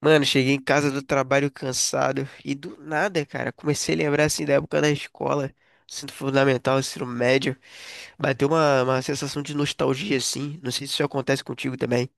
Mano, cheguei em casa do trabalho cansado e do nada, cara, comecei a lembrar assim da época da escola, ensino fundamental, ensino médio. Bateu uma sensação de nostalgia assim. Não sei se isso acontece contigo também.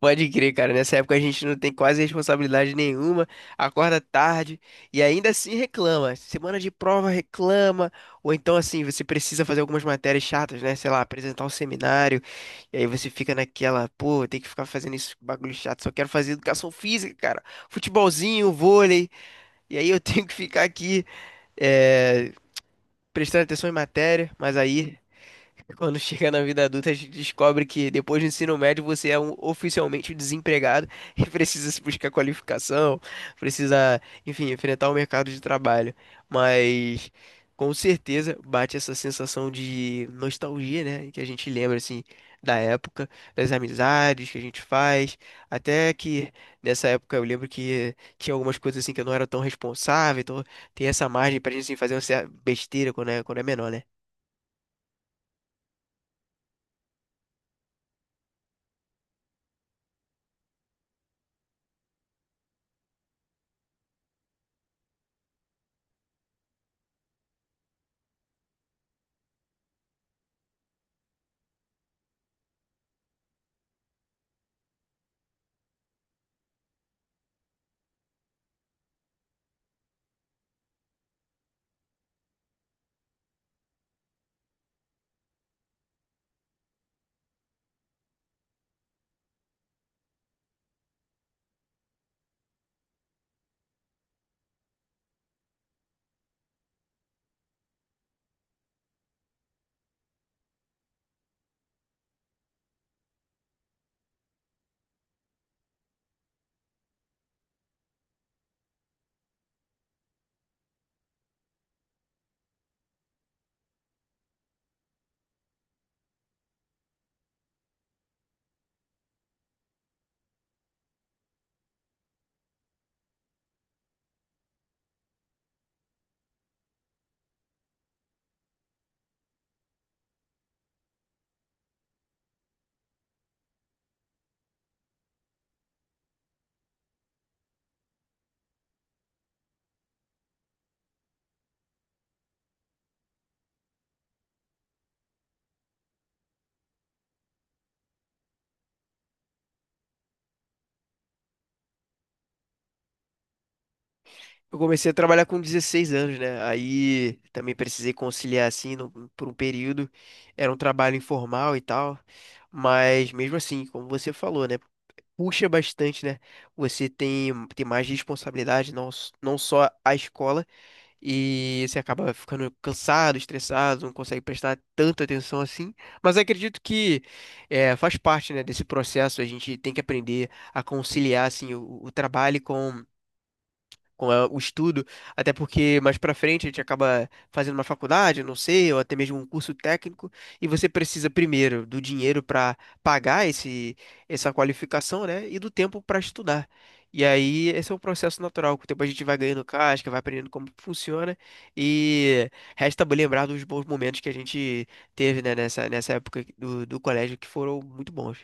Pode crer, cara. Nessa época a gente não tem quase responsabilidade nenhuma, acorda tarde e ainda assim reclama. Semana de prova reclama, ou então assim, você precisa fazer algumas matérias chatas, né? Sei lá, apresentar um seminário, e aí você fica naquela, pô, tem que ficar fazendo isso, bagulho chato, só quero fazer educação física, cara. Futebolzinho, vôlei, e aí eu tenho que ficar aqui, eh, prestando atenção em matéria, mas aí. Quando chega na vida adulta, a gente descobre que depois do ensino médio você é um oficialmente desempregado e precisa se buscar qualificação, precisa, enfim, enfrentar o mercado de trabalho. Mas com certeza bate essa sensação de nostalgia, né? Que a gente lembra assim da época, das amizades que a gente faz, até que nessa época eu lembro que tinha algumas coisas assim que eu não era tão responsável, então tem essa margem pra gente assim, fazer uma besteira quando é menor, né? Eu comecei a trabalhar com 16 anos, né? Aí também precisei conciliar assim por um período. Era um trabalho informal e tal, mas mesmo assim, como você falou, né? Puxa bastante, né? Você tem mais responsabilidade, não, não só a escola, e você acaba ficando cansado, estressado, não consegue prestar tanta atenção assim. Mas acredito que é, faz parte, né, desse processo. A gente tem que aprender a conciliar assim, o trabalho com o estudo, até porque mais pra frente a gente acaba fazendo uma faculdade, não sei, ou até mesmo um curso técnico, e você precisa primeiro do dinheiro pra pagar esse essa qualificação, né, e do tempo pra estudar. E aí esse é um processo natural, com o tempo a gente vai ganhando casca, vai aprendendo como funciona e resta lembrar dos bons momentos que a gente teve, né, nessa época do colégio que foram muito bons.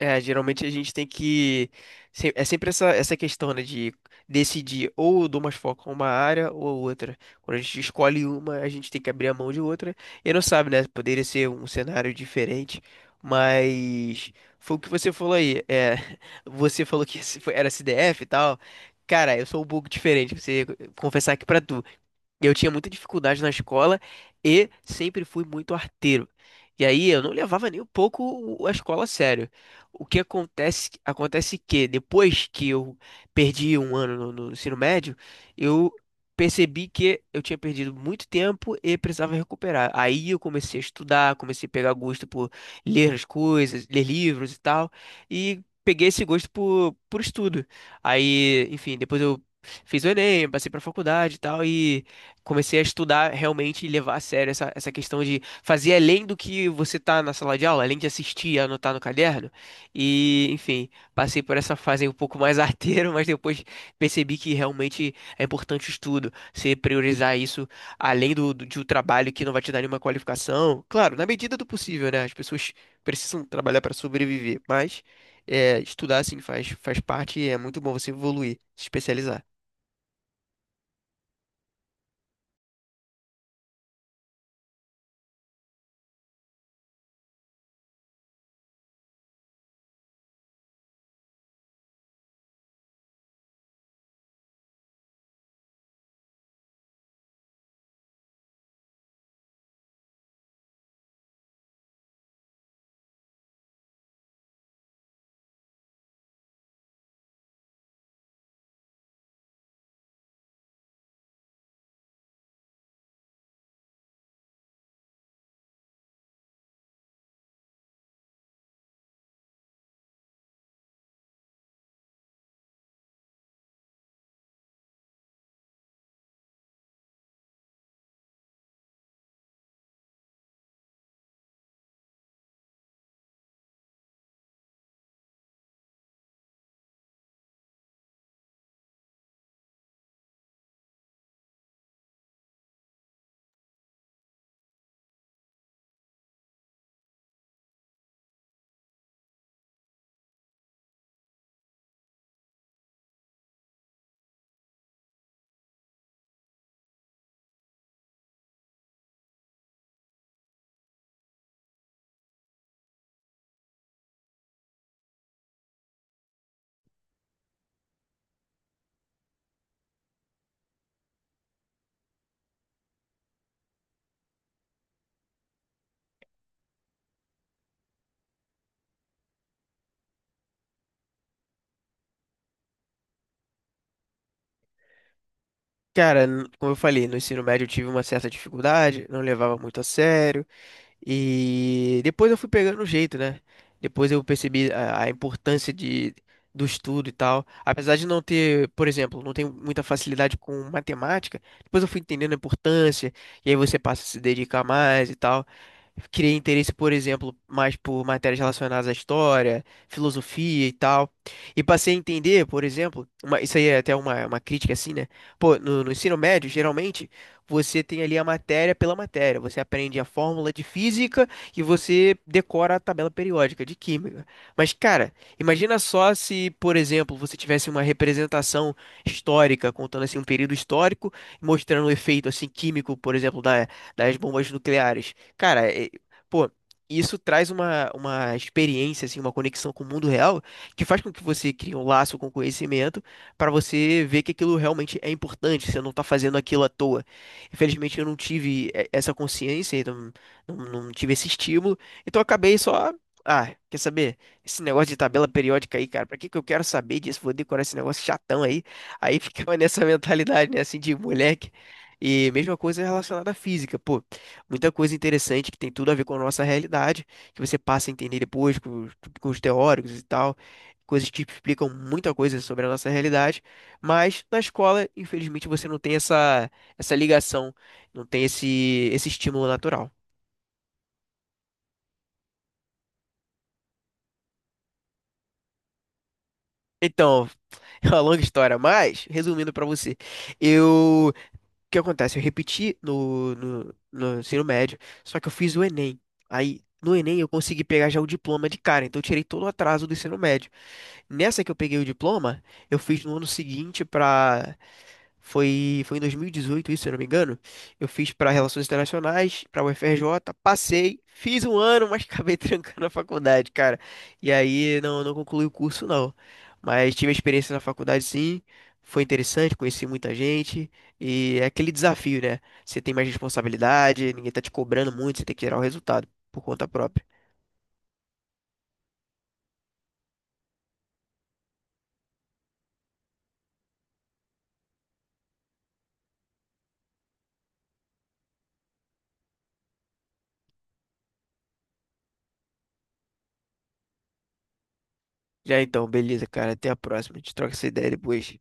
É, geralmente a gente tem que. É sempre essa questão, né, de decidir ou eu dou mais foco a uma área ou a outra. Quando a gente escolhe uma, a gente tem que abrir a mão de outra. E não sabe, né? Poderia ser um cenário diferente, mas foi o que você falou aí. É, você falou que esse era CDF e tal. Cara, eu sou um pouco diferente, você confessar aqui pra tu. Eu tinha muita dificuldade na escola e sempre fui muito arteiro. E aí eu não levava nem um pouco a escola a sério. O que acontece, acontece que depois que eu perdi um ano no ensino médio, eu percebi que eu tinha perdido muito tempo e precisava recuperar. Aí eu comecei a estudar, comecei a pegar gosto por ler as coisas, ler livros e tal, e peguei esse gosto por estudo. Aí, enfim, depois eu fiz o Enem, passei para faculdade e tal, e comecei a estudar realmente e levar a sério essa questão de fazer além do que você tá na sala de aula, além de assistir e anotar no caderno. E, enfim, passei por essa fase aí um pouco mais arteiro, mas depois percebi que realmente é importante o estudo, você priorizar isso além de um trabalho que não vai te dar nenhuma qualificação. Claro, na medida do possível, né? As pessoas precisam trabalhar para sobreviver, mas é, estudar, assim, faz, faz parte e é muito bom você evoluir, se especializar. Cara, como eu falei, no ensino médio eu tive uma certa dificuldade, não levava muito a sério, e depois eu fui pegando o jeito, né? Depois eu percebi a importância de, do estudo e tal. Apesar de não ter, por exemplo, não tenho muita facilidade com matemática, depois eu fui entendendo a importância, e aí você passa a se dedicar mais e tal. Criei interesse, por exemplo, mais por matérias relacionadas à história, filosofia e tal. E passei a entender, por exemplo, isso aí é até uma crítica assim, né? Pô, no ensino médio, geralmente, você tem ali a matéria pela matéria. Você aprende a fórmula de física e você decora a tabela periódica de química. Mas, cara, imagina só se, por exemplo, você tivesse uma representação histórica, contando assim um período histórico, mostrando o efeito assim químico, por exemplo, das bombas nucleares. Cara, pô, isso traz uma experiência, assim, uma conexão com o mundo real que faz com que você crie um laço com o conhecimento para você ver que aquilo realmente é importante, você não tá fazendo aquilo à toa. Infelizmente, eu não tive essa consciência, então, não tive esse estímulo, então eu acabei só. Ah, quer saber? Esse negócio de tabela periódica aí, cara, pra que que eu quero saber disso? Vou decorar esse negócio chatão aí. Aí ficava nessa mentalidade, né, assim, de moleque. E mesma coisa relacionada à física, pô. Muita coisa interessante que tem tudo a ver com a nossa realidade, que você passa a entender depois os com os teóricos e tal, coisas que explicam muita coisa sobre a nossa realidade, mas na escola, infelizmente, você não tem essa ligação, não tem esse estímulo natural. Então, é uma longa história, mas resumindo pra você, eu, o que acontece? Eu repeti no ensino médio, só que eu fiz o Enem. Aí, no Enem, eu consegui pegar já o diploma de cara, então eu tirei todo o atraso do ensino médio. Nessa que eu peguei o diploma, eu fiz no ano seguinte para foi foi em 2018, isso, se eu não me engano. Eu fiz para Relações Internacionais, para UFRJ, passei, fiz um ano, mas acabei trancando a faculdade, cara. E aí não concluí o curso não. Mas tive a experiência na faculdade sim, foi interessante, conheci muita gente e é aquele desafio, né? Você tem mais responsabilidade, ninguém tá te cobrando muito, você tem que gerar o resultado por conta própria. Já então, beleza, cara, até a próxima. A gente troca essa ideia depois.